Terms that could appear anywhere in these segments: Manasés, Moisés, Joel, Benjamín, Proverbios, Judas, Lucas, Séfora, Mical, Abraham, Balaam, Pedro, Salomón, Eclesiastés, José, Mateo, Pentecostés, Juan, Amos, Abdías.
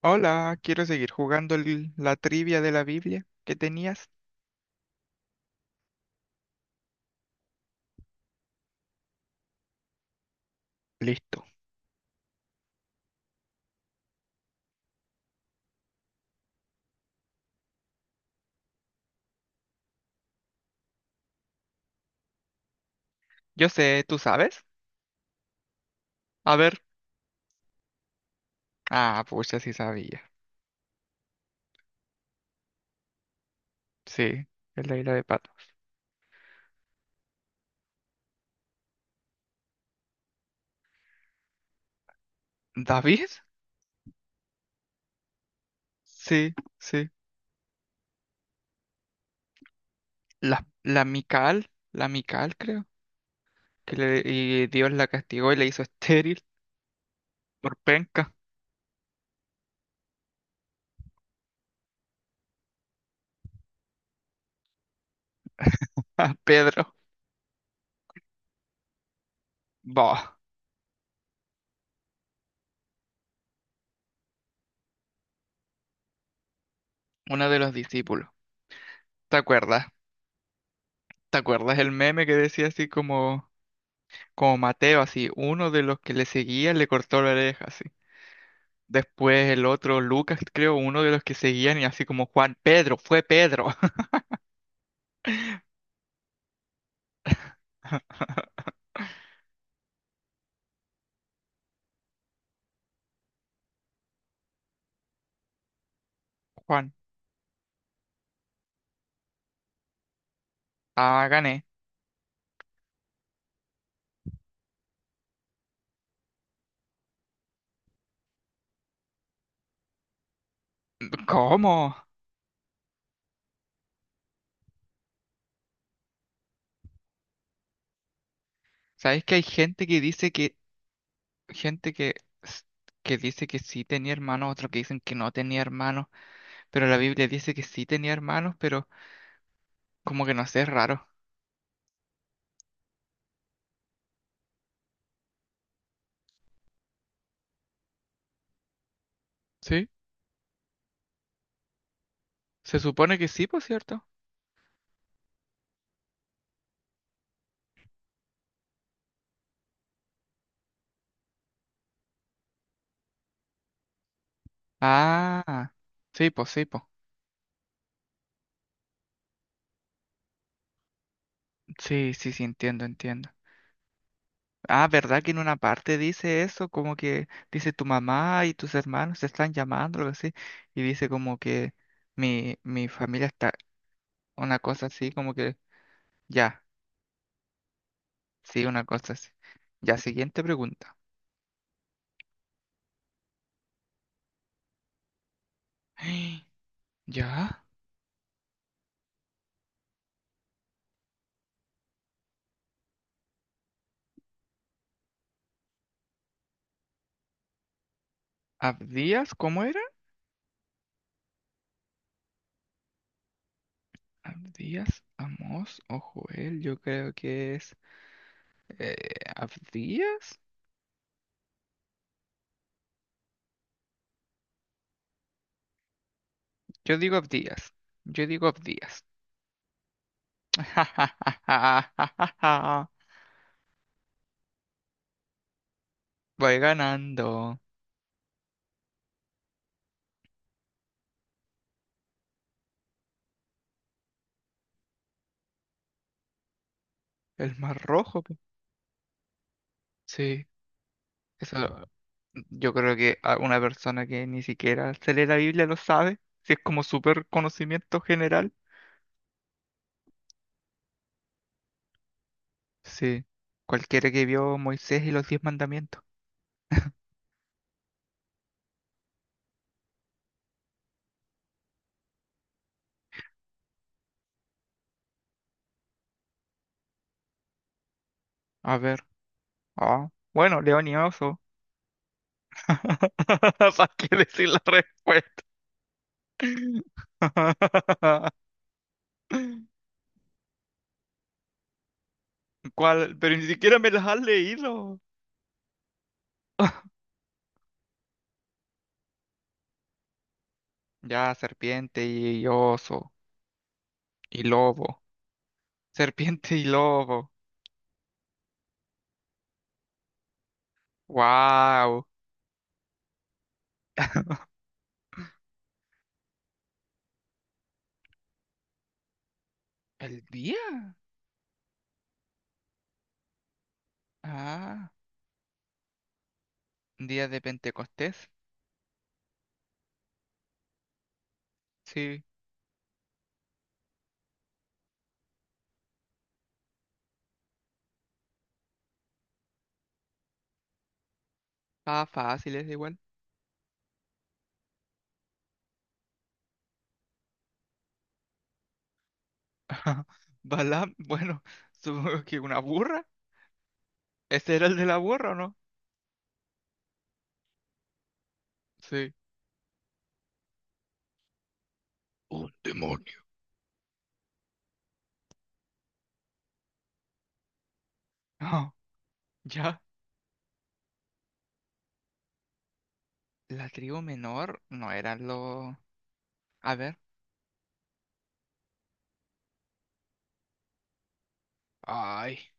Hola, quiero seguir jugando la trivia de la Biblia que tenías. Listo. Yo sé, ¿tú sabes? A ver. Ah, pucha, sí sabía. Sí, es la Isla de Pato. ¿David? Sí, sí. La Mical creo, que le, y Dios la castigó y le hizo estéril por penca a Pedro. Bah, uno de los discípulos. ¿Te acuerdas? ¿Te acuerdas el meme que decía así como, como Mateo, así, uno de los que le seguía le cortó la oreja? Después el otro, Lucas, creo, uno de los que seguían, y así como Juan, Pedro, fue Pedro. Juan, ah, gané. ¿Cómo? ¿Sabes que hay gente que dice gente que, s- que dice que sí tenía hermanos, otros que dicen que no tenía hermanos, pero la Biblia dice que sí tenía hermanos, pero como que no sé, es raro. ¿Sí? Se supone que sí, por cierto. Ah, sí, pues sí, pues. Sí, sí, sí, entiendo, entiendo. Ah, ¿verdad que en una parte dice eso? Como que dice tu mamá y tus hermanos te están llamando, algo así. Y dice como que mi familia está, una cosa así, como que ya, sí, una cosa así. Ya, siguiente pregunta. ¿Ya? ¿Abdías? ¿Cómo era? ¿Abdías? ¿Amos o Joel? Yo creo que es... eh, ¿Abdías? Yo digo Abdías. Yo digo Abdías. Voy ganando. El más rojo, po. Sí, eso yo creo que a una persona que ni siquiera se lee la Biblia lo sabe, si es como súper conocimiento general. Sí, cualquiera que vio Moisés y los diez mandamientos. A ver, ah, bueno, león y oso. ¿Para qué decir la respuesta? ¿Cuál? Pero ni siquiera me las has leído. Ya, serpiente y oso y lobo. Serpiente y lobo. Wow. ¿El día? Ah, día de Pentecostés. Sí, ah, fácil, es igual. Balaam, bueno, supongo que una burra. ¿Ese era el de la burra o no? Sí. Un demonio. Ah, ya. La tribu menor no eran los... A ver. Ay,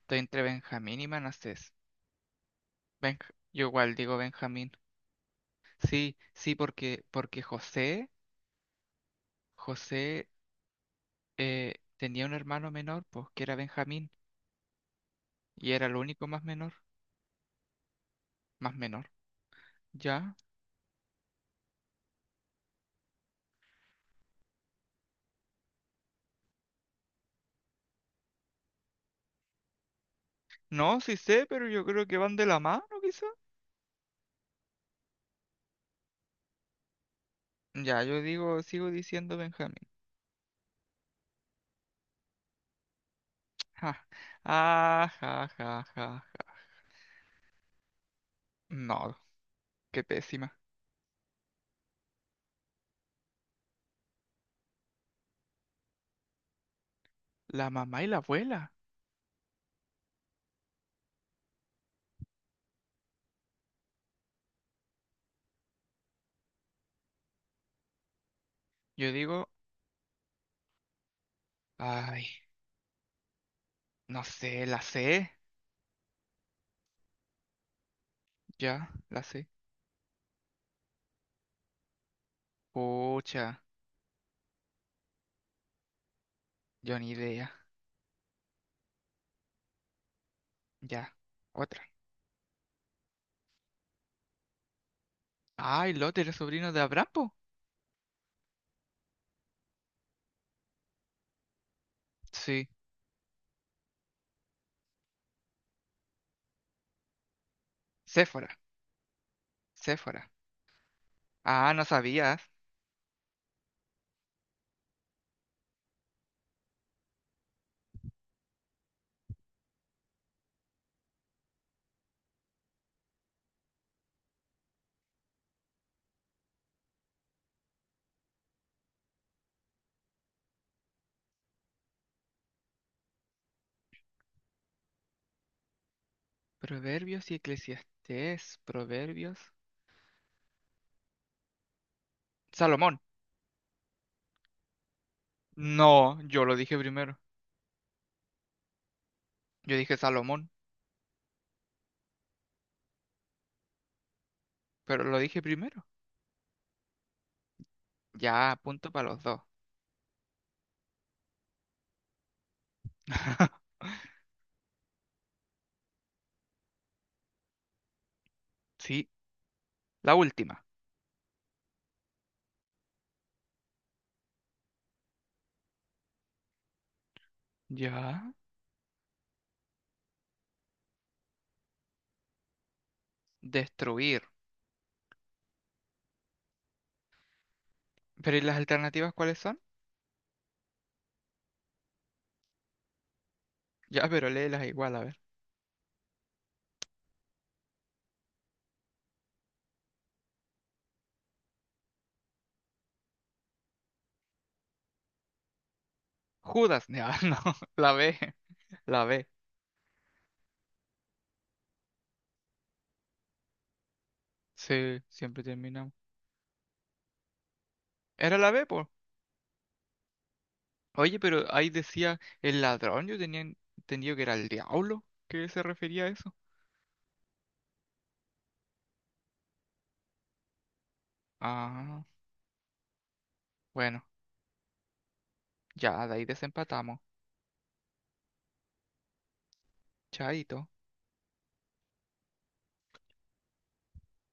estoy entre Benjamín y Manasés. Benj- Yo igual digo Benjamín. Sí, sí, porque José, José tenía un hermano menor, pues que era Benjamín, y era el único más menor. Más menor. Ya. No, sí sé, pero yo creo que van de la mano, quizá. Ya, yo digo, sigo diciendo Benjamín. Ja. Ah, ja, ja, ja, ja. No, qué pésima. La mamá y la abuela. Yo digo, ay, no sé, la sé. Ya, la sé. Pucha, yo ni idea. Ya, otra. Ay, Lot era sobrino de Abraham, po. Sí, Séfora, Séfora. Ah, no sabías. Proverbios y Eclesiastés, Proverbios. Salomón. No, yo lo dije primero. Yo dije Salomón, pero lo dije primero. Ya, punto para los dos. Sí, la última. Ya, destruir. Pero ¿y las alternativas cuáles son? Ya, pero léelas igual, a ver. Judas, ya, no, la B, la B. Sí, siempre terminamos. Era la B, pues. Oye, pero ahí decía el ladrón, yo tenía entendido que era el diablo. ¿Qué se refería a eso? Ah, bueno, ya, de ahí desempatamos. Chaito.